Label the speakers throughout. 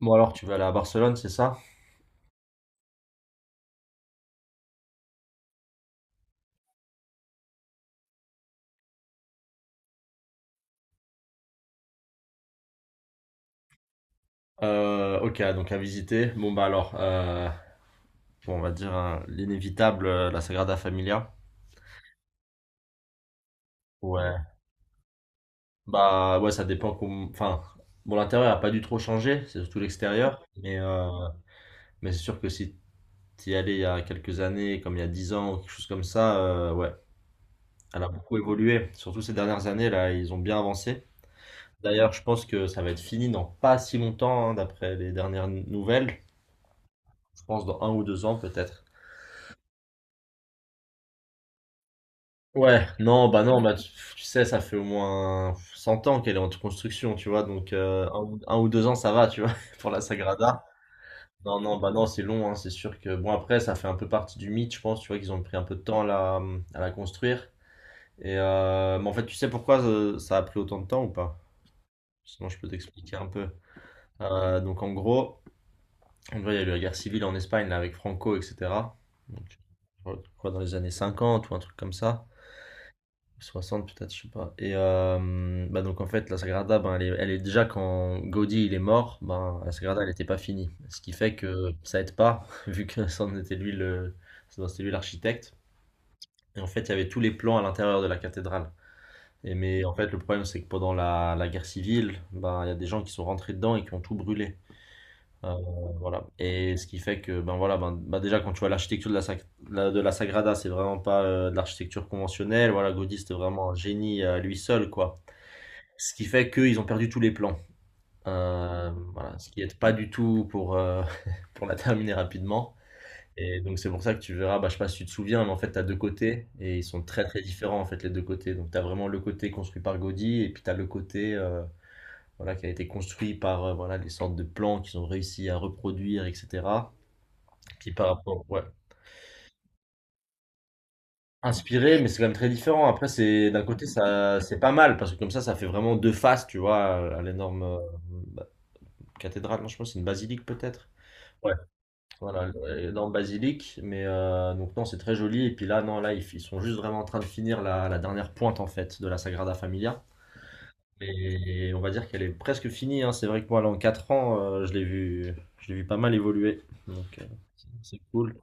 Speaker 1: Bon alors tu vas aller à Barcelone, c'est ça? Ok, donc à visiter. Bon bah alors, bon, on va dire, hein, l'inévitable, la Sagrada Familia. Ouais. Bah ouais, Enfin, bon l'intérieur a pas dû trop changer, c'est surtout l'extérieur. Mais c'est sûr que si t'y allais il y a quelques années, comme il y a 10 ans ou quelque chose comme ça, ouais, elle a beaucoup évolué. Surtout ces dernières années là, ils ont bien avancé. D'ailleurs, je pense que ça va être fini dans pas si longtemps, hein, d'après les dernières nouvelles. Je pense dans un ou deux ans peut-être. Ouais, non, bah non, tu sais, ça fait au moins 100 ans qu'elle est en construction, tu vois, donc un ou deux ans, ça va, tu vois, pour la Sagrada. Non, non, bah non, c'est long, hein, c'est sûr que, bon, après, ça fait un peu partie du mythe, je pense, tu vois, qu'ils ont pris un peu de temps à la construire. Et, mais en fait, tu sais pourquoi ça a pris autant de temps ou pas? Sinon, je peux t'expliquer un peu. Donc, en gros, il y a eu la guerre civile en Espagne, là, avec Franco, etc. Donc, je crois dans les années 50 ou un truc comme ça. 60 peut-être, je sais pas. Et bah donc en fait, la Sagrada, ben, elle est déjà quand Gaudi il est mort, ben, la Sagrada elle n'était pas finie. Ce qui fait que ça aide pas, vu que c'était lui l'architecte. Et en fait, il y avait tous les plans à l'intérieur de la cathédrale. Et mais en fait, le problème c'est que pendant la guerre civile, ben, il y a des gens qui sont rentrés dedans et qui ont tout brûlé. Euh, voilà. Et ce qui fait que, ben voilà, ben déjà quand tu vois l'architecture de la Sagrada, c'est vraiment pas de l'architecture conventionnelle. Voilà, Gaudí, c'était vraiment un génie à lui seul, quoi. Ce qui fait qu'ils ont perdu tous les plans. Voilà, ce qui aide pas du tout pour, pour la terminer rapidement. Et donc c'est pour ça que tu verras, bah, je sais pas si tu te souviens, mais en fait tu as deux côtés et ils sont très très différents en fait les deux côtés. Donc tu as vraiment le côté construit par Gaudi et puis tu as le côté voilà, qui a été construit par voilà, les sortes de plans qu'ils ont réussi à reproduire, etc. Qui par rapport, ouais. Inspiré, mais c'est quand même très différent. Après, c'est d'un côté, ça, c'est pas mal parce que comme ça fait vraiment deux faces, tu vois, à l'énorme bah, cathédrale. Non, je pense que c'est une basilique peut-être. Ouais. Voilà, l'énorme basilique. Mais donc non, c'est très joli. Et puis là, non, là, ils sont juste vraiment en train de finir la dernière pointe en fait de la Sagrada Familia. Et on va dire qu'elle est presque finie, hein. C'est vrai que moi, là, en 4 ans, je l'ai vu pas mal évoluer. Donc, c'est cool.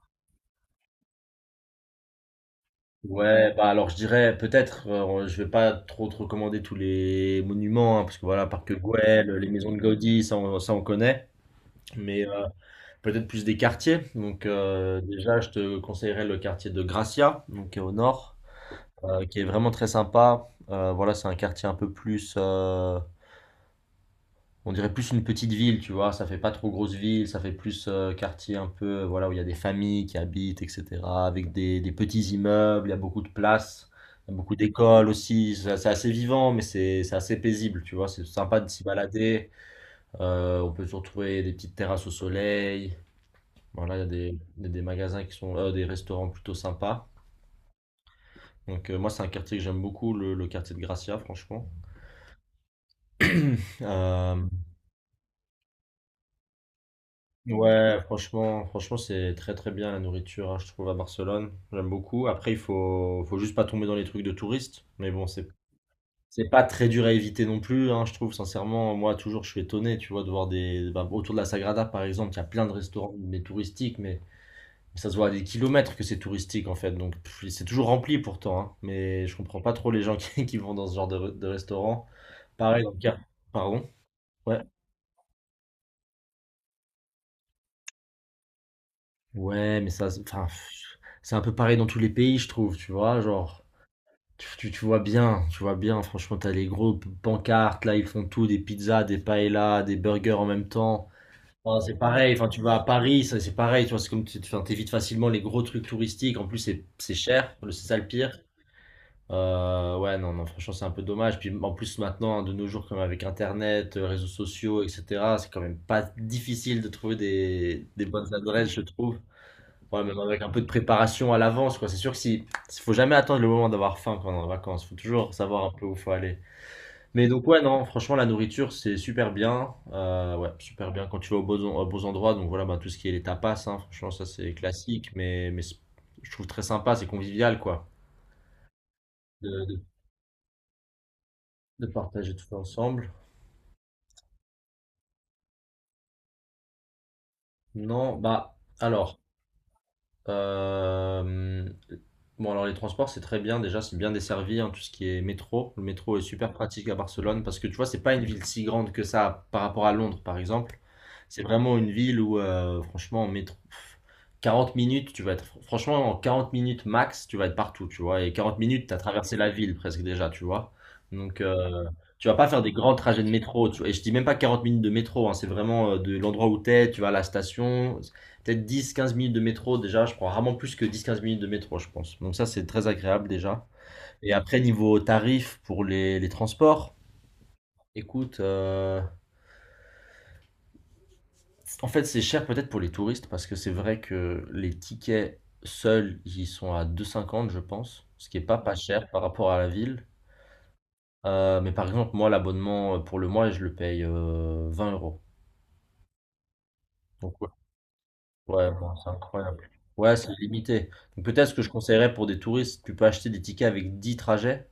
Speaker 1: Ouais, bah alors je dirais peut-être, je vais pas trop te recommander tous les monuments, hein, parce que voilà, Parc Güell, les maisons de Gaudi, ça on connaît, mais peut-être plus des quartiers. Donc déjà, je te conseillerais le quartier de Gracia, donc qui est au nord, qui est vraiment très sympa. Voilà, c'est un quartier un peu plus on dirait plus une petite ville, tu vois. Ça fait pas trop grosse ville, ça fait plus quartier un peu, voilà, où il y a des familles qui habitent, etc. Avec des petits immeubles, il y a beaucoup de places, il y a beaucoup d'écoles aussi. C'est assez vivant, mais c'est assez paisible, tu vois. C'est sympa de s'y balader. On peut se retrouver des petites terrasses au soleil. Voilà, il des magasins qui sont, des restaurants plutôt sympas. Donc moi, c'est un quartier que j'aime beaucoup, le quartier de Gracia, franchement. Euh, Ouais, franchement, c'est très très bien la nourriture, hein, je trouve, à Barcelone. J'aime beaucoup. Après, faut juste pas tomber dans les trucs de touristes. Mais bon, c'est pas très dur à éviter non plus, hein, je trouve, sincèrement. Moi, toujours, je suis étonné, tu vois, de voir des. Bah, autour de la Sagrada, par exemple, il y a plein de restaurants, mais touristiques, mais ça se voit à des kilomètres que c'est touristique, en fait. Donc, pff, c'est toujours rempli pourtant, hein, mais je comprends pas trop les gens qui vont dans ce genre de restaurant. Pareil, dans le Car- Pardon? Ouais. Ouais, mais ça, enfin, pff, c'est un peu pareil dans tous les pays, je trouve, tu vois, genre, tu vois bien, franchement, t'as les pancartes, là, ils font tout, des pizzas, des paellas, des burgers en même temps. Enfin, c'est pareil, enfin, tu vas à Paris, ça, c'est pareil, tu vois, c'est comme, tu enfin, t'évites facilement les gros trucs touristiques, en plus, c'est cher, c'est ça le pire. Ouais, non, non, franchement, c'est un peu dommage. Puis en plus, maintenant, hein, de nos jours, comme avec Internet, réseaux sociaux, etc., c'est quand même pas difficile de trouver des bonnes adresses, je trouve. Ouais, même avec un peu de préparation à l'avance, quoi. C'est sûr que si faut jamais attendre le moment d'avoir faim quand on est en vacances. Faut toujours savoir un peu où faut aller. Mais donc ouais, non, franchement, la nourriture, c'est super bien. Ouais, super bien quand tu vas aux beaux endroits. Donc voilà, bah, tout ce qui est les tapas, hein, franchement, ça c'est classique, mais je trouve très sympa, c'est convivial, quoi, de, de- de partager tout ensemble. Non, bah, alors. Euh, Bon, alors les transports, c'est très bien. Déjà, c'est bien desservi, hein, tout ce qui est métro. Le métro est super pratique à Barcelone parce que tu vois, c'est pas une ville si grande que ça par rapport à Londres, par exemple. C'est vraiment une ville où, franchement, en métro, pff, 40 minutes, tu vas être, franchement, en 40 minutes max, tu vas être partout, tu vois. Et 40 minutes, tu as traversé la ville presque déjà, tu vois. Donc, tu vas pas faire des grands trajets de métro, tu vois. Et je dis même pas 40 minutes de métro, hein, c'est vraiment de l'endroit où t'es, tu vas à la station peut-être dix, 15 minutes de métro déjà. Je prends rarement plus que dix, 15 minutes de métro, je pense. Donc ça, c'est très agréable déjà. Et après, niveau tarif pour les transports, écoute, en fait, c'est cher peut-être pour les touristes parce que c'est vrai que les tickets seuls, ils sont à 2,50, je pense, ce qui est pas cher par rapport à la ville. Mais par exemple, moi, l'abonnement pour le mois, je le paye 20 euros. Donc ouais, ouais, bon, c'est incroyable. Ouais, c'est limité. Donc peut-être ce que je conseillerais pour des touristes, tu peux acheter des tickets avec 10 trajets,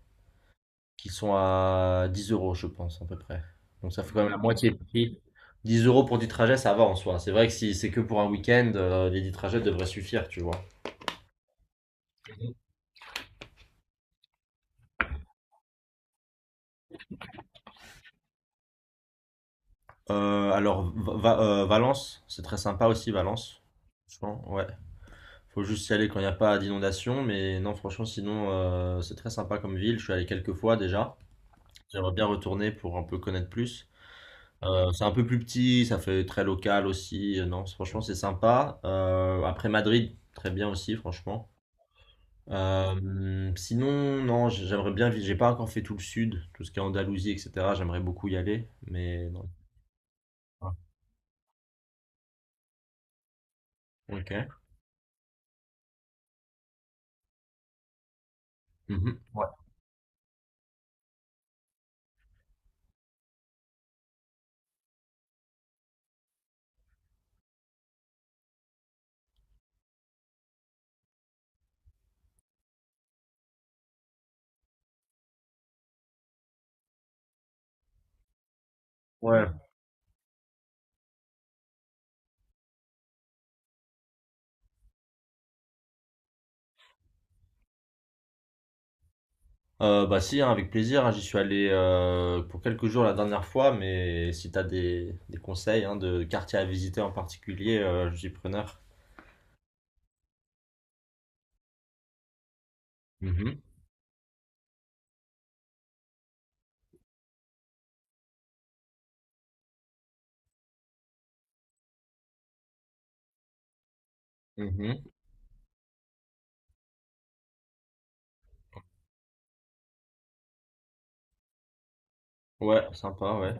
Speaker 1: qui sont à 10 euros, je pense, à peu près. Donc ça fait quand même la Ouais. moitié du prix. 10 euros pour du trajet ça va en soi. C'est vrai que si c'est que pour un week-end, les 10 trajets devraient suffire, tu vois. Valence, c'est très sympa aussi, Valence. Franchement, ouais. Faut juste y aller quand il n'y a pas d'inondation, mais non, franchement, sinon, c'est très sympa comme ville. Je suis allé quelques fois déjà. J'aimerais bien retourner pour un peu connaître plus. C'est un peu plus petit, ça fait très local aussi. Non, franchement, c'est sympa. Après Madrid, très bien aussi, franchement. Sinon, non, j'aimerais bien vivre. J'ai pas encore fait tout le sud, tout ce qui est Andalousie, etc. J'aimerais beaucoup y aller, mais non. Ah, ok. Mhm. Ouais. Ouais. Bah si, hein, avec plaisir, hein, j'y suis allé pour quelques jours la dernière fois, mais si t'as des conseils, hein, de quartiers à visiter en particulier, je suis preneur. Mhm. Mhm. Ouais, sympa, ouais.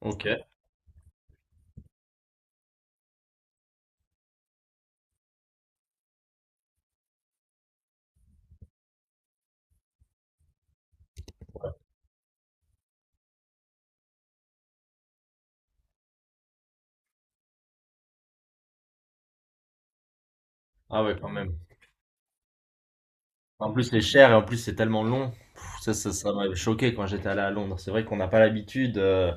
Speaker 1: Ok. Ah ouais, quand même. En plus, c'est cher et en plus, c'est tellement long. Pff, ça m'avait choqué quand j'étais allé à Londres. C'est vrai qu'on n'a pas l'habitude.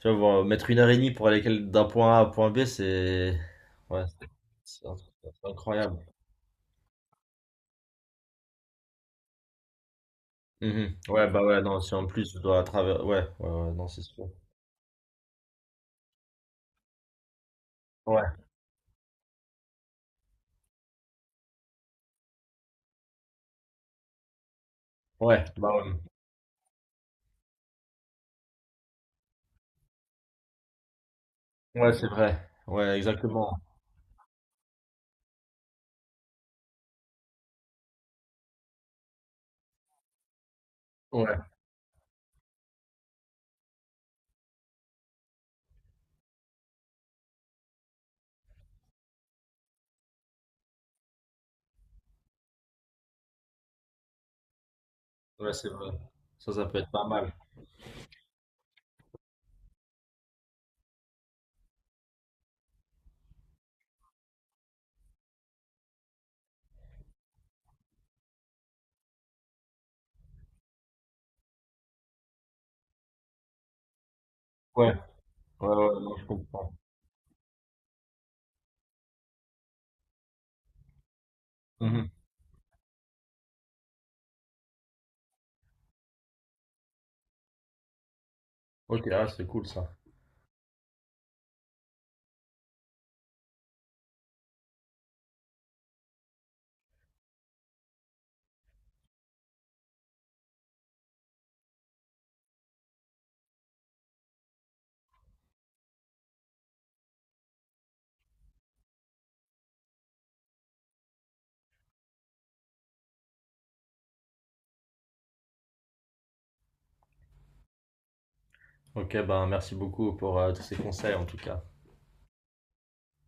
Speaker 1: Tu vois, mettre une heure et demie pour aller d'un point A à un point B, c'est. Ouais, c'est incroyable. Mhm. Ouais, bah ouais, non, si en plus, je dois travers. Ouais, non, c'est sûr. Ouais, ouais, bah ouais. Ouais, c'est vrai. Ouais, exactement. Ouais, ouais, c'est vrai. Ça peut être pas mal. Ouais, ouais, non, je comprends. Mhm. Ok, ah, c'est cool ça. Ok, ben merci beaucoup pour tous ces conseils en tout cas.